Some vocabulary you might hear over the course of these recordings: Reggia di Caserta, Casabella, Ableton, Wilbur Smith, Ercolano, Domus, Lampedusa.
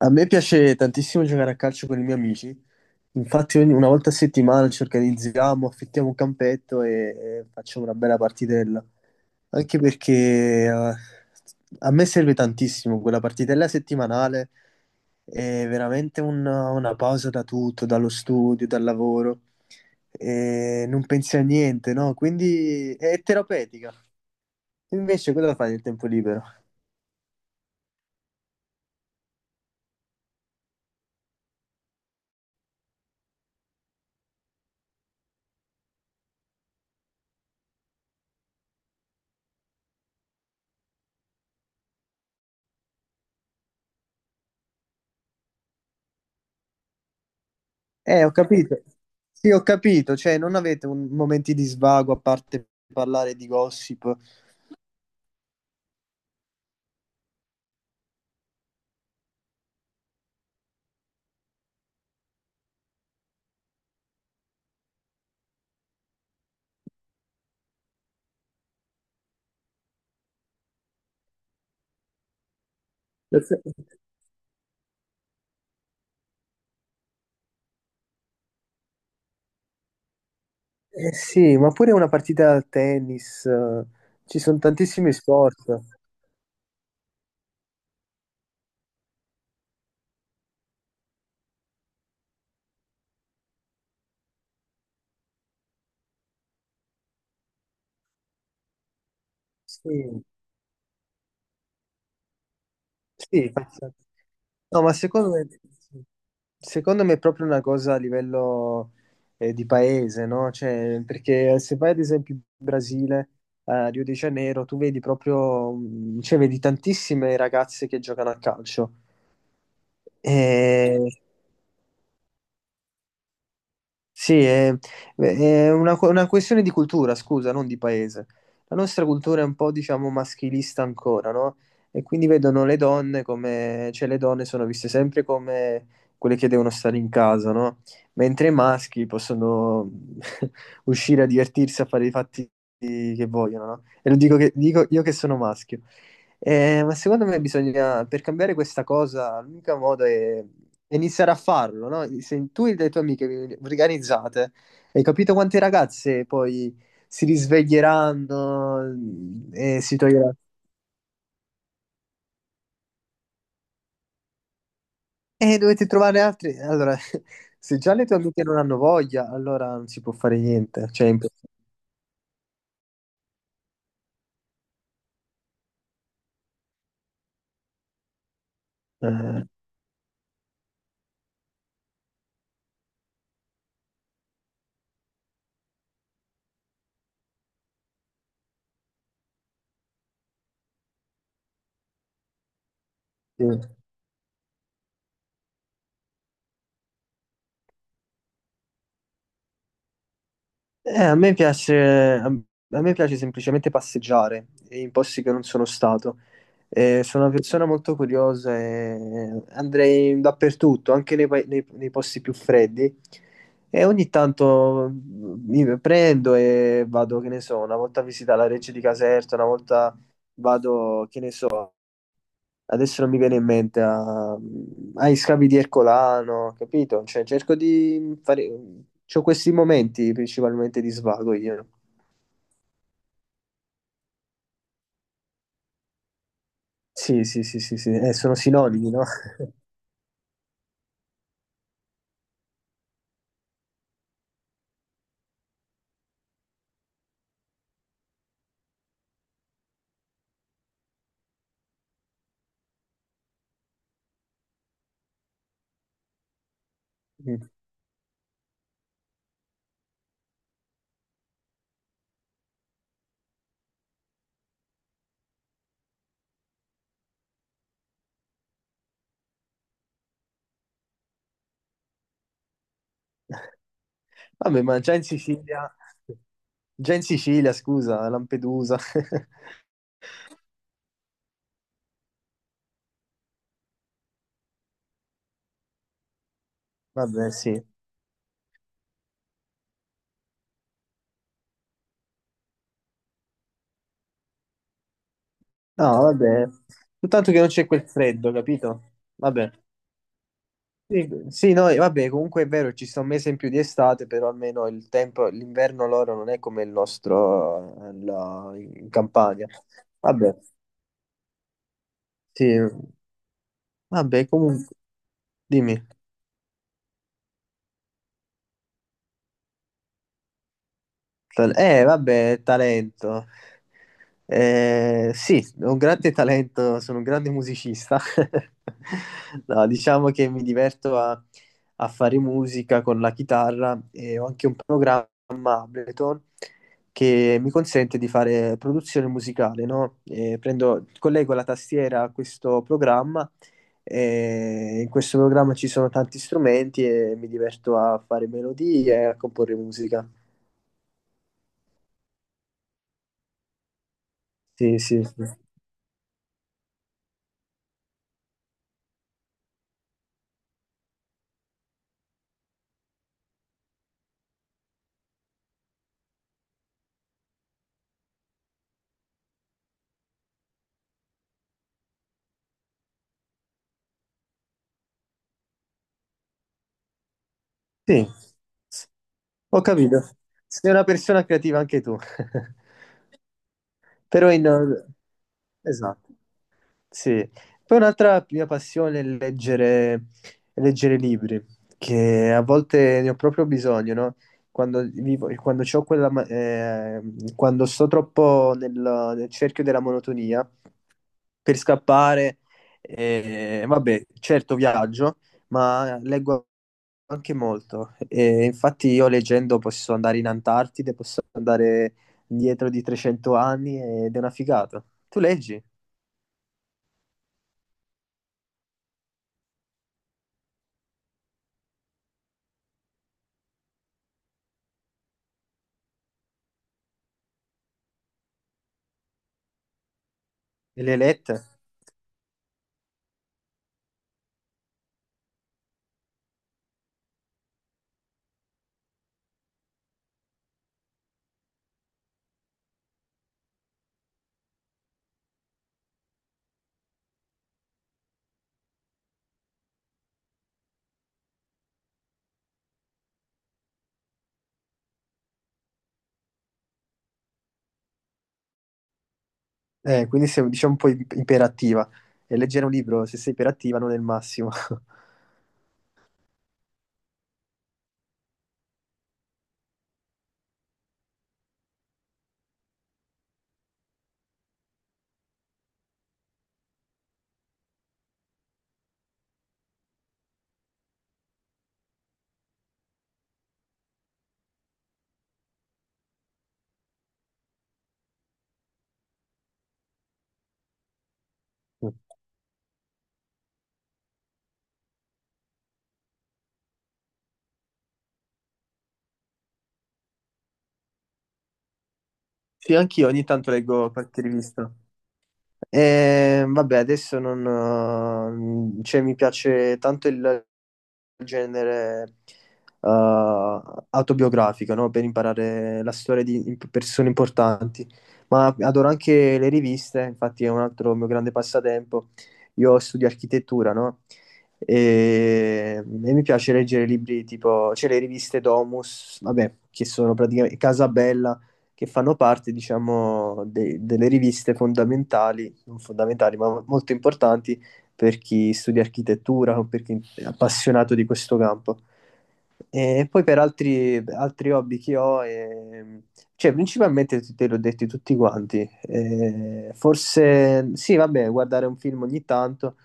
A me piace tantissimo giocare a calcio con i miei amici, infatti una volta a settimana ci organizziamo, affittiamo un campetto e facciamo una bella partitella, anche perché a me serve tantissimo quella partitella settimanale, è veramente una pausa da tutto, dallo studio, dal lavoro, e non pensi a niente, no? Quindi è terapeutica. Invece cosa fai nel tempo libero? Ho capito. Sì, ho capito, cioè non avete momenti di svago a parte parlare di gossip. Eh, sì, ma pure una partita a tennis, ci sono tantissimi sport. Sì, sì, faccio- no, ma secondo me è proprio una cosa a livello di paese, no? Cioè, perché se vai ad esempio in Brasile, a Rio de Janeiro, tu vedi proprio, cioè, vedi tantissime ragazze che giocano a calcio. Eh, sì, è una questione di cultura, scusa, non di paese. La nostra cultura è un po', diciamo, maschilista ancora, no? E quindi vedono le donne come, cioè le donne sono viste sempre come quelle che devono stare in casa, no? Mentre i maschi possono uscire a divertirsi, a fare i fatti che vogliono, no? E lo dico, dico io che sono maschio. Ma secondo me bisogna, per cambiare questa cosa, l'unico modo è iniziare a farlo, no? Se tu e le tue amiche vi organizzate, hai capito quante ragazze poi si risveglieranno e si toglieranno? E dovete trovare altri. Allora, se già le tue amiche non hanno voglia, allora non si può fare niente. Cioè, è impossibile. Eh, sì. A me piace, a a me piace semplicemente passeggiare in posti che non sono stato. Sono una persona molto curiosa e andrei dappertutto, anche nei posti più freddi. E ogni tanto mi prendo e vado, che ne so, una volta a visitare la Reggia di Caserta, una volta vado, che ne so. Adesso non mi viene in mente, ai scavi di Ercolano, capito? Cioè, cerco di fare. C'ho questi momenti principalmente di svago io, no? Sì, sì, sì, sì, sì. Sono sinonimi, no? Mm. Vabbè, ma già in Sicilia, scusa, a Lampedusa. Vabbè, sì. No, vabbè. Soltanto che non c'è quel freddo, capito? Vabbè. Sì, sì, no, e vabbè, comunque è vero, ci sta un mese in più di estate, però almeno il tempo, l'inverno loro non è come il nostro in Campania. Vabbè, sì, vabbè, comunque, dimmi. Vabbè, talento. Sì, ho un grande talento, sono un grande musicista. No, diciamo che mi diverto a, a fare musica con la chitarra e ho anche un programma Ableton che mi consente di fare produzione musicale, no? Collego la tastiera a questo programma e in questo programma ci sono tanti strumenti e mi diverto a fare melodie e a comporre musica. Sì, sì, sì. Sì, ho capito. Sei una persona creativa anche tu. Però in... Esatto, sì. Poi un'altra mia passione è leggere, leggere libri, che a volte ne ho proprio bisogno, no? Quando vivo, quando c'ho quella, ma- quando sto troppo nel, nel cerchio della monotonia, per scappare, vabbè, certo viaggio, ma leggo anche molto. E infatti io leggendo posso andare in Antartide, posso andare dietro di 300 anni ed è una figata. Tu leggi e le hai lette, eh, quindi sei diciamo un po' iperattiva. E leggere un libro, se sei iperattiva, non è il massimo. Sì, anch'io ogni tanto leggo qualche rivista. E, vabbè, adesso non... cioè, mi piace tanto il genere eh, autobiografico, no? Per imparare la storia di persone importanti. Ma adoro anche le riviste, infatti è un altro mio grande passatempo. Io studio architettura, no? E mi piace leggere libri tipo, cioè le riviste Domus, vabbè, che sono praticamente Casabella che fanno parte, diciamo, delle riviste fondamentali, non fondamentali, ma molto importanti per chi studia architettura o per chi è appassionato di questo campo. E poi per altri hobby che ho, cioè principalmente te l'ho detti tutti quanti. Forse sì, vabbè, guardare un film ogni tanto,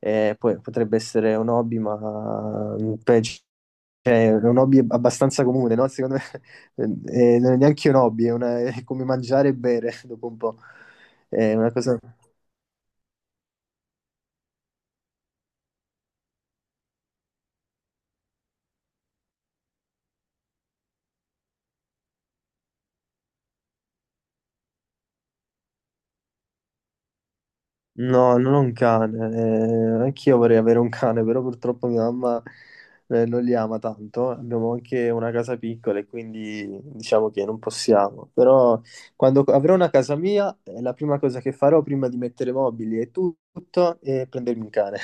poi potrebbe essere un hobby, ma mm, peggio cioè, è un hobby abbastanza comune, no? Secondo me non è neanche un hobby, è, è come mangiare e bere dopo un po'. È una cosa... No, non ho un cane. Anch'io vorrei avere un cane, però purtroppo mia mamma non li ama tanto. Abbiamo anche una casa piccola e quindi diciamo che non possiamo. Però quando avrò una casa mia, è la prima cosa che farò prima di mettere mobili e tutto è prendermi un cane.